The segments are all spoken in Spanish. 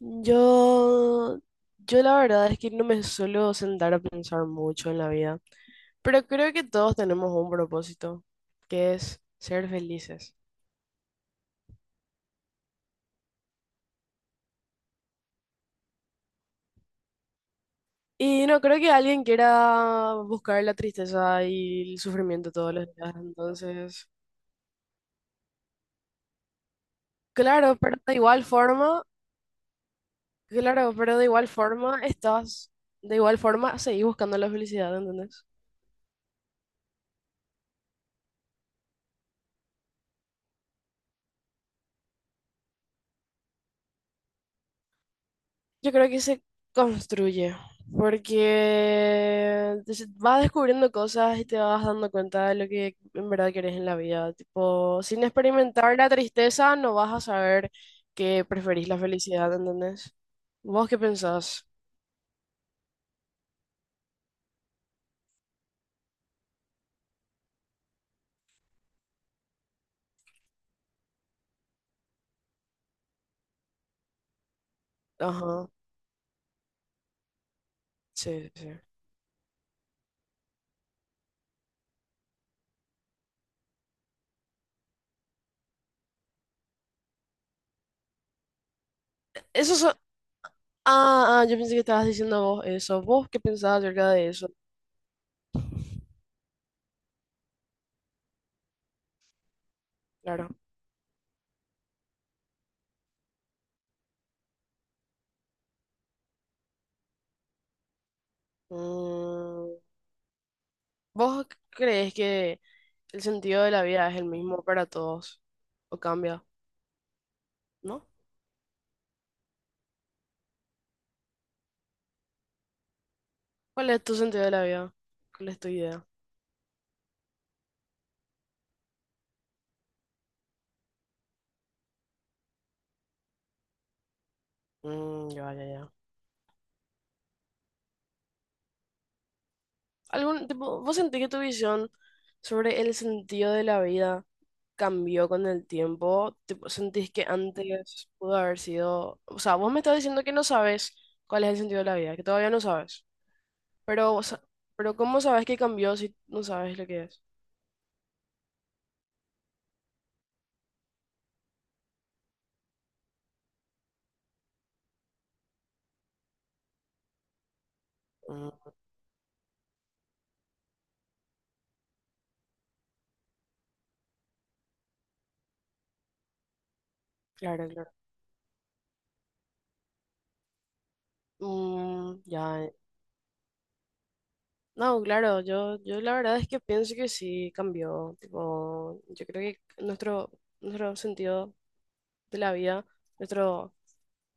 Yo, yo, la verdad es que no me suelo sentar a pensar mucho en la vida, pero creo que todos tenemos un propósito, que es ser felices. Y no creo que alguien quiera buscar la tristeza y el sufrimiento todos los días. Entonces, claro, pero de igual forma, claro, pero de igual forma estás, de igual forma seguís buscando la felicidad, ¿entendés? Yo creo que se construye, porque vas descubriendo cosas y te vas dando cuenta de lo que en verdad querés en la vida. Tipo, sin experimentar la tristeza no vas a saber que preferís la felicidad, ¿entendés? ¿Vos qué pensás? Ajá, sí, sí. Eso so- Ah, ah, yo pensé que estabas diciendo vos eso. ¿Vos qué pensabas acerca de eso? Claro. Mm, ¿vos crees que el sentido de la vida es el mismo para todos? ¿O cambia? ¿No? ¿Cuál es tu sentido de la vida? ¿Cuál es tu idea? Mm, ya, ya, ya. ¿Algún tipo, vos sentís que tu visión sobre el sentido de la vida cambió con el tiempo? Tipo, ¿sentís que antes pudo haber sido, o sea, vos me estás diciendo que no sabes cuál es el sentido de la vida, que todavía no sabes, pero, o sea, pero ¿cómo sabes que cambió si no sabes lo que es? Mm, claro, claro. Mm, ya. No, claro, yo la verdad es que pienso que sí cambió. Tipo, yo creo que nuestro sentido de la vida, nuestro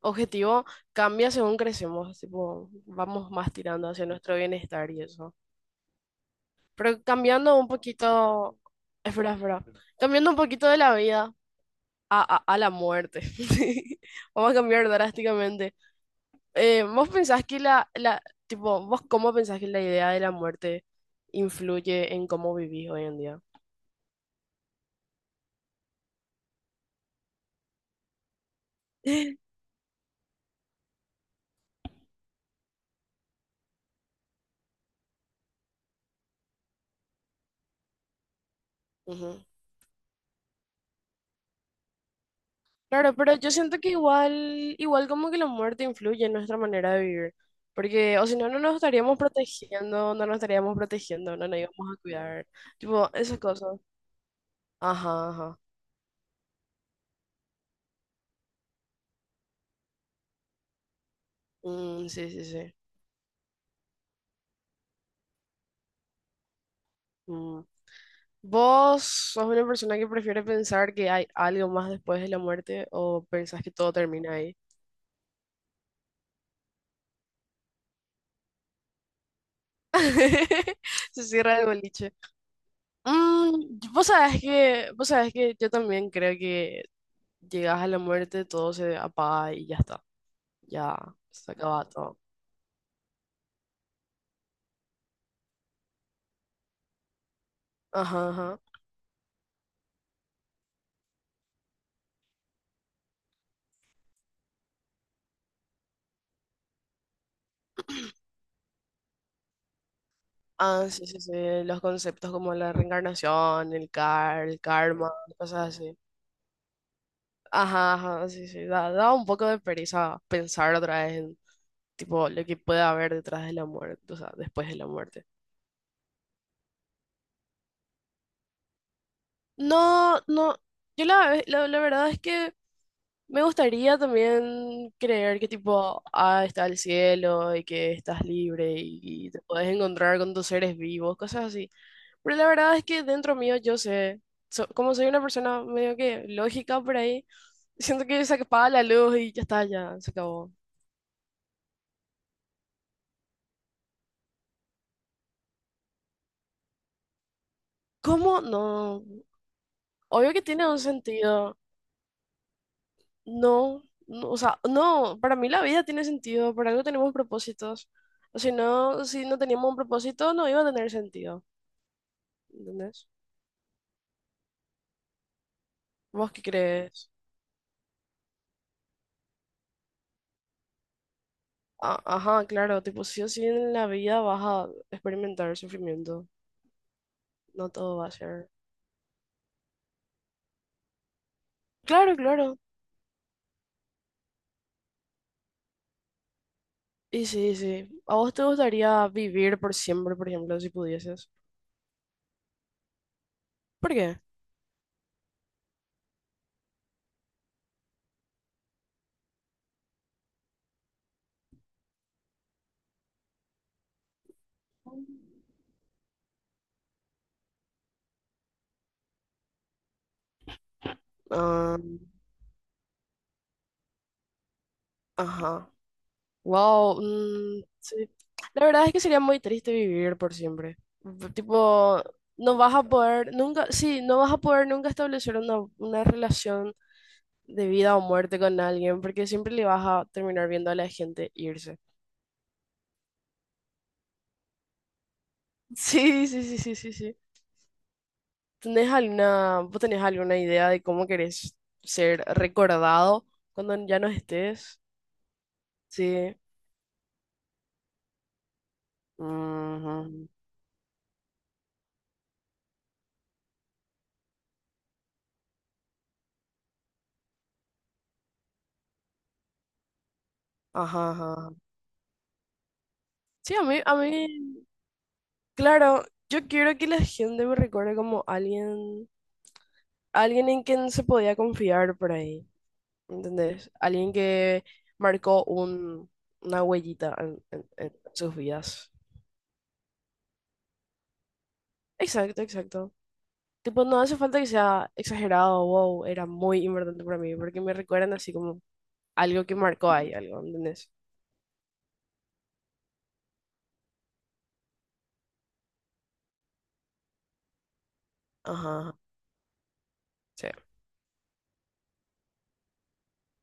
objetivo cambia según crecemos. Tipo, vamos más tirando hacia nuestro bienestar y eso. Pero cambiando un poquito, espera, cambiando un poquito de la vida a la muerte. Vamos a cambiar drásticamente. ¿Vos pensás que tipo, vos cómo pensás que la idea de la muerte influye en cómo vivís hoy en día? Ujú. Claro, pero yo siento que igual, igual como que la muerte influye en nuestra manera de vivir, porque o si no, no nos estaríamos protegiendo, no nos íbamos a cuidar, tipo, esas cosas. Ajá, ajá. Sí, sí, sí. Mm. ¿Vos sos una persona que prefiere pensar que hay algo más después de la muerte o pensás que todo termina ahí? Se cierra el boliche. Mm, vos sabés que yo también creo que llegas a la muerte, todo se apaga y ya está. Ya se acaba todo. Ajá, ajá. Ah, sí, sí, sí. Los conceptos como la reencarnación, el karma, cosas así. Ajá, ajá, sí, sí. Da un poco de pereza pensar otra vez en, tipo, lo que puede haber detrás de la muerte, o sea, después de la muerte. No, no. Yo la, ve- la verdad es que me gustaría también creer que tipo, ah, está el cielo y que estás libre y, te puedes encontrar con tus seres vivos, cosas así. Pero la verdad es que dentro mío yo sé, como soy una persona medio que lógica por ahí, siento que se apaga la luz y ya está, ya se acabó. ¿Cómo? No. Obvio que tiene un sentido. No, no, o sea, no, para mí la vida tiene sentido, por algo tenemos propósitos. O si no, si no teníamos un propósito, no iba a tener sentido. ¿Entendés? ¿Vos qué crees? Ajá, claro, tipo, sí o sí en la vida vas a experimentar sufrimiento. No todo va a ser. Claro, claro. Y sí, sí. ¿A vos te gustaría vivir por siempre, por ejemplo, si pudieses? ¿Por qué? Ah, ajá. Wow. Mm, sí. La verdad es que sería muy triste vivir por siempre. Tipo, no vas a poder nunca, sí, no vas a poder nunca establecer una relación de vida o muerte con alguien, porque siempre le vas a terminar viendo a la gente irse. Sí, sí, sí, sí, sí, sí. ¿Tenés alguna, vos tenés alguna idea de cómo querés ser recordado cuando ya no estés? Sí. Ujú. Ajá, ajá. Sí, claro, yo quiero que la gente me recuerde como alguien, alguien en quien se podía confiar por ahí, ¿entendés? Alguien que marcó un, una huellita en en sus vidas. Exacto, exacto. Tipo, no hace falta que sea exagerado, wow, era muy importante para mí, porque me recuerdan así como algo que marcó ahí, algo, ¿entendés? Ajá, ajá, sí.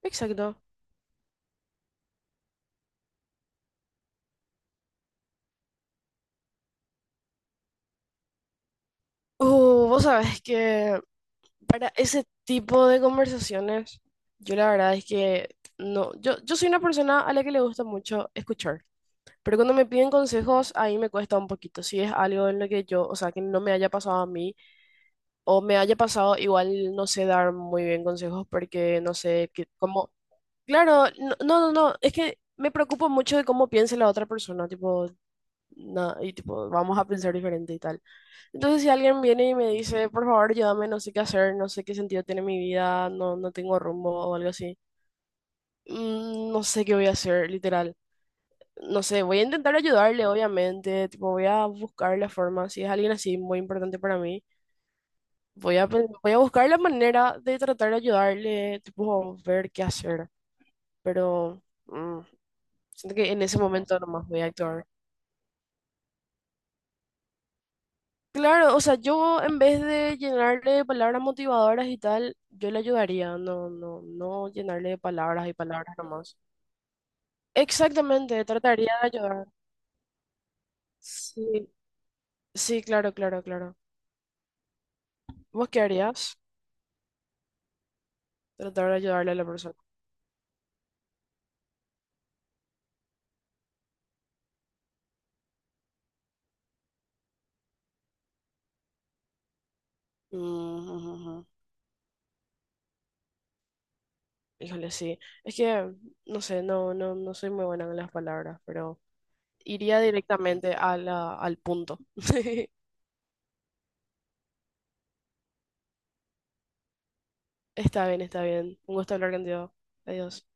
Exacto. Vos sabés que para ese tipo de conversaciones, yo la verdad es que no, yo soy una persona a la que le gusta mucho escuchar, pero cuando me piden consejos, ahí me cuesta un poquito, si es algo en lo que yo, o sea, que no me haya pasado a mí o me haya pasado, igual no sé dar muy bien consejos porque no sé cómo. Claro, no, no, no, no, es que me preocupo mucho de cómo piense la otra persona, tipo, y tipo, vamos a pensar diferente y tal. Entonces, si alguien viene y me dice, por favor, ayúdame, no sé qué hacer, no sé qué sentido tiene mi vida, no, no tengo rumbo o algo así, mm, no sé qué voy a hacer, literal. No sé, voy a intentar ayudarle, obviamente, tipo, voy a buscar la forma, si es alguien así muy importante para mí. Voy a buscar la manera de tratar de ayudarle, tipo, ver qué hacer, pero siento que en ese momento nomás voy a actuar. Claro, o sea, yo en vez de llenarle de palabras motivadoras y tal, yo le ayudaría, no llenarle de palabras y palabras nomás. Exactamente, trataría de ayudar. Sí, sí, claro, claro, claro. ¿Vos qué harías? Tratar de ayudarle a la persona. Mm, ujú, ujú. Híjole, sí. Es que, no sé, no soy muy buena con las palabras, pero... Iría directamente a al punto. Está bien, está bien. Un gusto hablar contigo. Adiós.